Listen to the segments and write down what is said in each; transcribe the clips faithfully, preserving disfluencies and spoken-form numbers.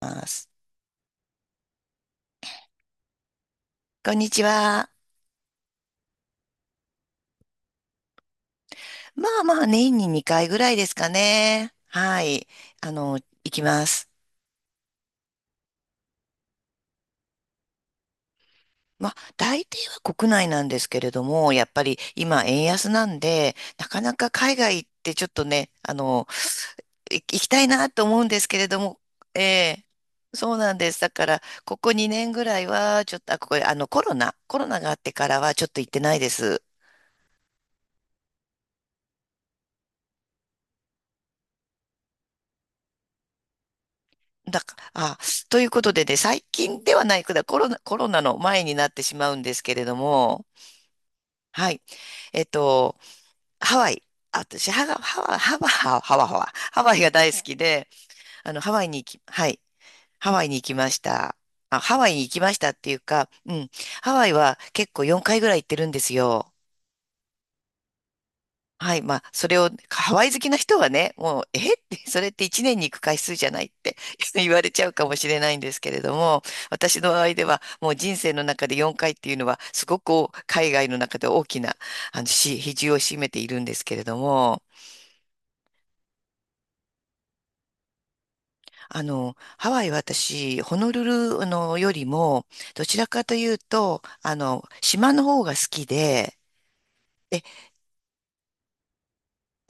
ます。こんにちは。まあまあ、年ににかいぐらいですかね。はい。あの、行きます。まあ、大抵は国内なんですけれども、やっぱり今、円安なんで、なかなか海外行ってちょっとね、あの、い行きたいなと思うんですけれども、ええ、そうなんです。だから、ここにねんぐらいは、ちょっと、あ、ここ、あの、コロナ、コロナがあってからは、ちょっと行ってないです。だか、あ、ということでね、最近ではないくだ、コロナ、コロナの前になってしまうんですけれども、はい。えっと、ハワイ。あ私、ハワ、ハワ、ハワ、ハワ、ハワ、ハワハワイが大好きで、あの、ハワイに行き、はい。ハワイに行きました。あ、ハワイに行きましたっていうか、うん。ハワイは結構よんかいぐらい行ってるんですよ。はい。まあ、それを、ハワイ好きな人はね、もう、えって、それっていちねんに行く回数じゃないって 言われちゃうかもしれないんですけれども、私の場合では、もう人生の中でよんかいっていうのは、すごくお海外の中で大きな、あの、し、比重を占めているんですけれども、あの、ハワイは私、ホノルル、あの、よりも、どちらかというと、あの、島の方が好きで、え、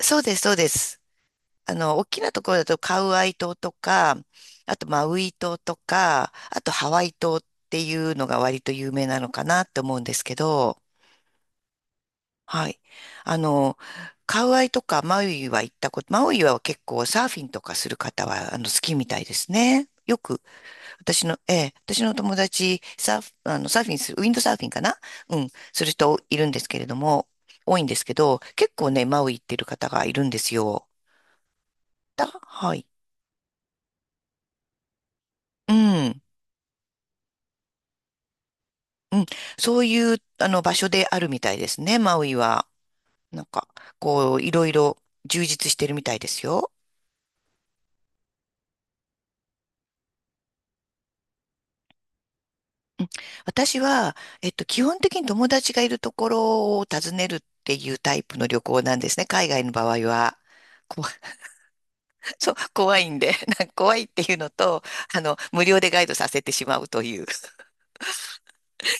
そうです、そうです。あの、大きなところだとカウアイ島とか、あとマウイ島とか、あとハワイ島っていうのが割と有名なのかなって思うんですけど、はい。あの、カウアイとかマウイは行ったこと、マウイは結構サーフィンとかする方はあの好きみたいですね。よく、私の、ええ、私の友達、サーフ、あの、サーフィンする、ウィンドサーフィンかな、うん、する人いるんですけれども、多いんですけど、結構ね、マウイ行ってる方がいるんですよ。だ、はい。うん。うん、そういうあの場所であるみたいですね、マウイは。なんか、こう、いろいろ充実してるみたいですよ。うん、私は、えっと、基本的に友達がいるところを訪ねるっていうタイプの旅行なんですね、海外の場合は。こわ そう、怖いんで、なんか怖いっていうのと、あの、無料でガイドさせてしまうという。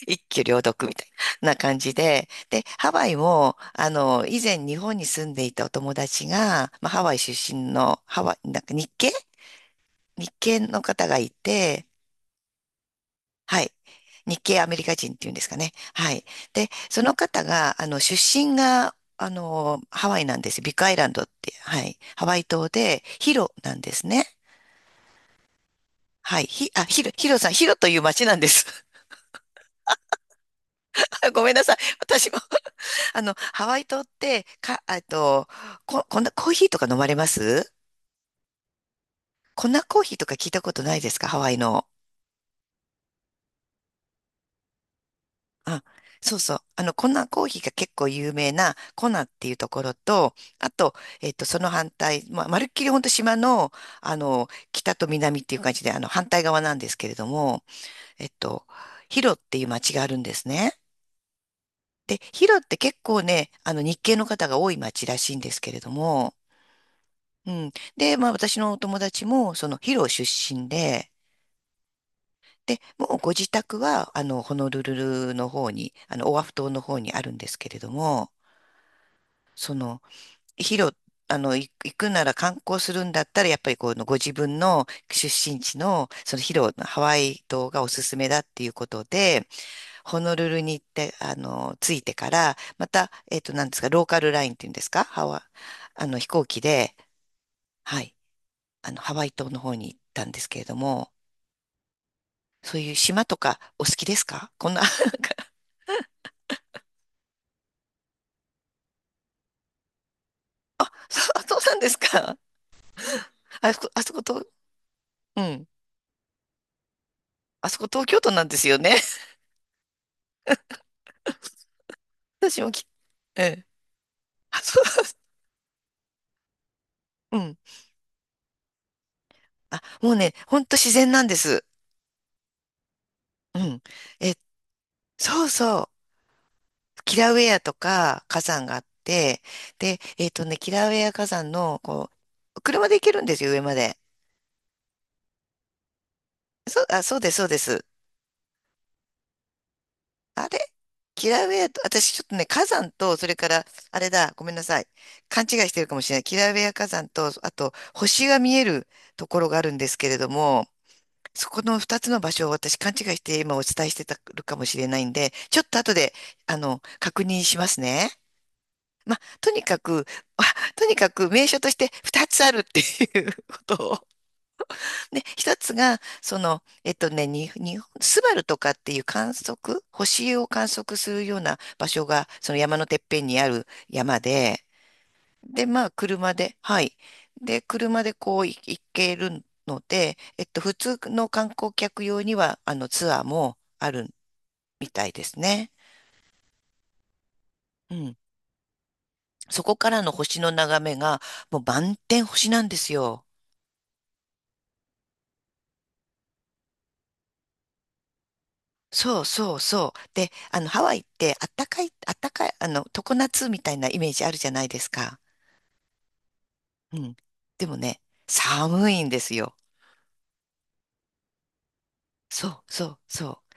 一挙両得みたいな感じで、で、ハワイも、あの、以前日本に住んでいたお友達が、まあ、ハワイ出身の、ハワイ、なんか日系日系の方がいて、はい。日系アメリカ人っていうんですかね。はい。で、その方が、あの、出身が、あの、ハワイなんですよ。ビッグアイランドって、はい。ハワイ島で、ヒロなんですね。はい。ひ、あ、ヒロ、ヒロさん、ヒロという町なんです。ごめんなさい。私もあの、ハワイ島って、か、えっと、こ、こんなコーヒーとか飲まれます？粉コーヒーとか聞いたことないですか、ハワイの。あ、そうそう。あの、粉コーヒーが結構有名なコナっていうところと、あと、えっと、その反対、まあ、まるっきり本当島の、あの、北と南っていう感じで、あの、反対側なんですけれども、えっと、ヒロっていう町があるんですね。で、ヒロって結構ね、あの、日系の方が多い町らしいんですけれども、うん。で、まあ私のお友達も、そのヒロ出身で、で、もうご自宅は、あの、ホノルルルの方に、あの、オアフ島の方にあるんですけれども、その、ヒロ、あの、い行くなら観光するんだったら、やっぱりこのご自分の出身地の、そのヒロのハワイ島がおすすめだっていうことで、ホノルルに行って、あの、着いてから、また、えっと、なんですか、ローカルラインっていうんですか、ハワ、あの、飛行機で、はい、あの、ハワイ島の方に行ったんですけれども、そういう島とかお好きですか、こんな？そうそう、なんですか？あそこ、あそこと、うん。あそこ東京都なんですよね。私もき、ええ。あ、そう、うん。あ、もうね、ほんと自然なんです。うん。え、そうそう。キラウェアとか火山があって、で、えっとね、キラウェア火山の、こう、車で行けるんですよ、上まで。そう、あ、そうです、そうです。あれ、キラウェアと、私ちょっとね、火山と、それから、あれだ、ごめんなさい。勘違いしてるかもしれない。キラウェア火山と、あと、星が見えるところがあるんですけれども、そこの二つの場所を私勘違いして今お伝えしてたるかもしれないんで、ちょっと後で、あの、確認しますね。まあ、とにかく、あとにかく名所として二つあるっていうことを、で、一つが、その、えっとね、に、にスバルとかっていう観測、星を観測するような場所が、その山のてっぺんにある山で、で、まあ、車で、はい。で、車でこうい行けるので、えっと、普通の観光客用には、あの、ツアーもあるみたいですね。うん。そこからの星の眺めが、もう満天星なんですよ。そうそうそう。で、あの、ハワイってあったかい、あったかい、あの、常夏みたいなイメージあるじゃないですか。うん。でもね、寒いんですよ。そうそうそう。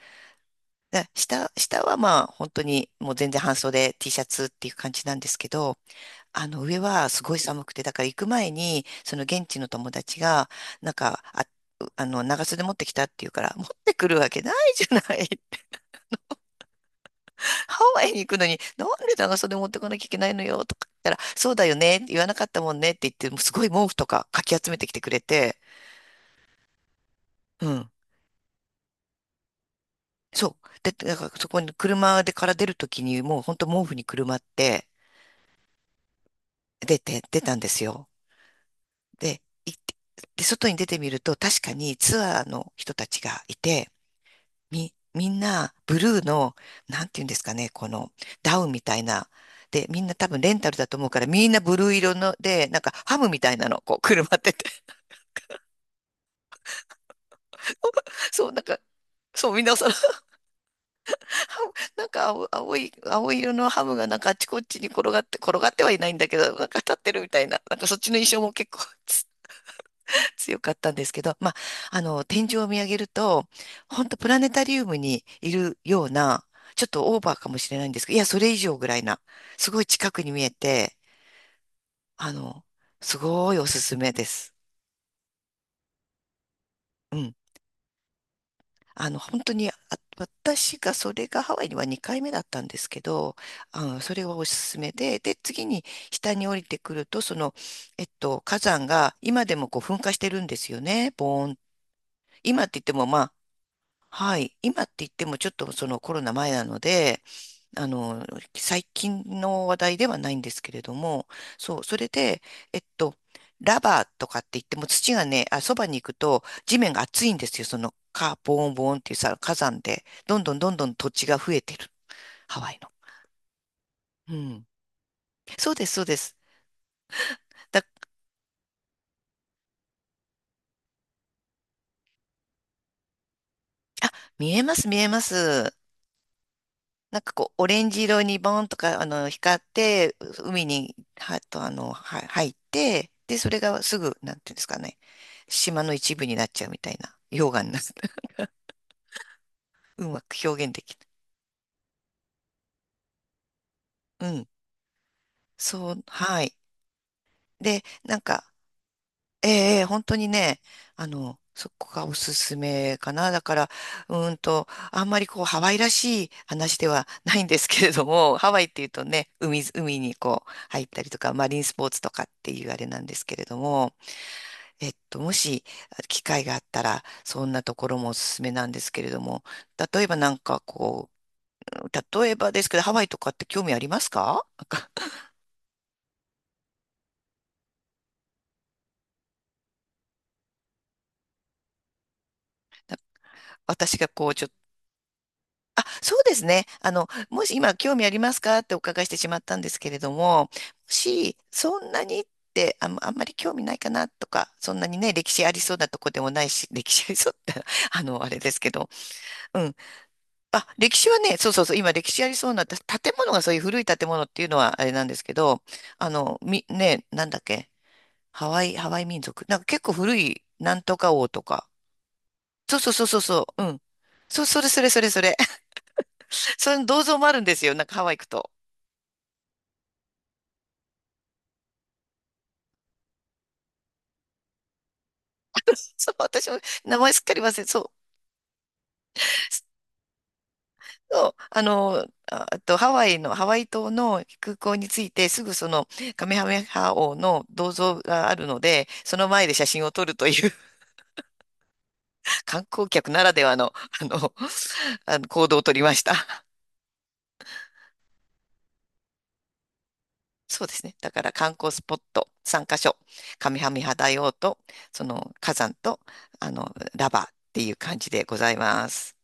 だ下、下はまあ、本当にもう全然半袖 T シャツっていう感じなんですけど、あの、上はすごい寒くて、だから行く前に、その現地の友達が、なんか、あ、あの、長袖持ってきたっていうから、持ってくるわけないじゃない、ハワイに行くのに、なんで長袖持ってこなきゃいけないのよとか言ったら、そうだよね、言わなかったもんねって言って、もうすごい毛布とかかき集めてきてくれて、うん。そう。で、だからそこに車でから出るときに、もう本当毛布にくるまって出て、出たんですよ。で、行って、で、外に出てみると、確かにツアーの人たちがいて、み、みんな、ブルーの、なんていうんですかね、この、ダウンみたいな。で、みんな多分レンタルだと思うから、みんなブルー色ので、なんかハムみたいなの、こう、くるまってて。そう、なんか、そう、みんなその、ハムなんか青、青い、青い色のハムがなんかあっちこっちに転がって、転がってはいないんだけど、なんか立ってるみたいな。なんかそっちの印象も結構強かったんですけど、まあ、あの、天井を見上げると、本当プラネタリウムにいるような、ちょっとオーバーかもしれないんですけど、いや、それ以上ぐらいな、すごい近くに見えて、あの、すごいおすすめです。うん。あの、本当に、あ私がそれがハワイにはにかいめだったんですけど、あの、それはおすすめで、で、次に下に降りてくると、その、えっと、火山が今でもこう噴火してるんですよね、ボーン。今って言ってもまあ、はい。今って言ってもちょっとそのコロナ前なので、あの、最近の話題ではないんですけれども、そう、それで、えっと、ラバーとかって言っても土がね、あ、そばに行くと地面が熱いんですよ。そのカボーンボーンっていうさ、火山で、どんどんどんどん土地が増えてる。ハワイの。うん。そうです、そうです。だ、見えます、見えます。なんかこう、オレンジ色にボーンとか、あの、光って、海に、は、と、あの、は、入って、で、それがすぐ、なんていうんですかね、島の一部になっちゃうみたいな、溶岩になる。うまく表現できない。うん。そう、はい。で、なんか、ええええ本当にね、あの、そこがおすすめかな。だから、うーんと、あんまりこう、ハワイらしい話ではないんですけれども、ハワイっていうとね、海、海にこう、入ったりとか、マリンスポーツとかっていうあれなんですけれども、えっと、もしあ機会があったら、そんなところもおすすめなんですけれども、例えばなんかこう、例えばですけど、ハワイとかって興味ありますか？私がこう、ちょっと、あ、そうですね。あの、もし今興味ありますかってお伺いしてしまったんですけれども、もしそんなにってあん、あんまり興味ないかなとか、そんなにね、歴史ありそうなとこでもないし、歴史ありそうって、あの、あれですけど、うん。あ、歴史はね、そうそうそう、今歴史ありそうな、た建物がそういう古い建物っていうのはあれなんですけど、あの、み、ね、なんだっけ、ハワイ、ハワイ民族。なんか結構古い、なんとか王とか。そうそうそうそうそう、うん。そう、それそれそれそれ。その銅像もあるんですよ、なんかハワイ行くと。そう、私も名前すっかり忘れ、そう。そう、あの、ああとハワイの、ハワイ島の空港に着いて、すぐそのカメハメハ王の銅像があるので、その前で写真を撮るという観光客ならではの、あの、あの行動を取りました。そうですね。だから観光スポットさんカ所。上半身肌用と、その火山と、あの、ラバーっていう感じでございます。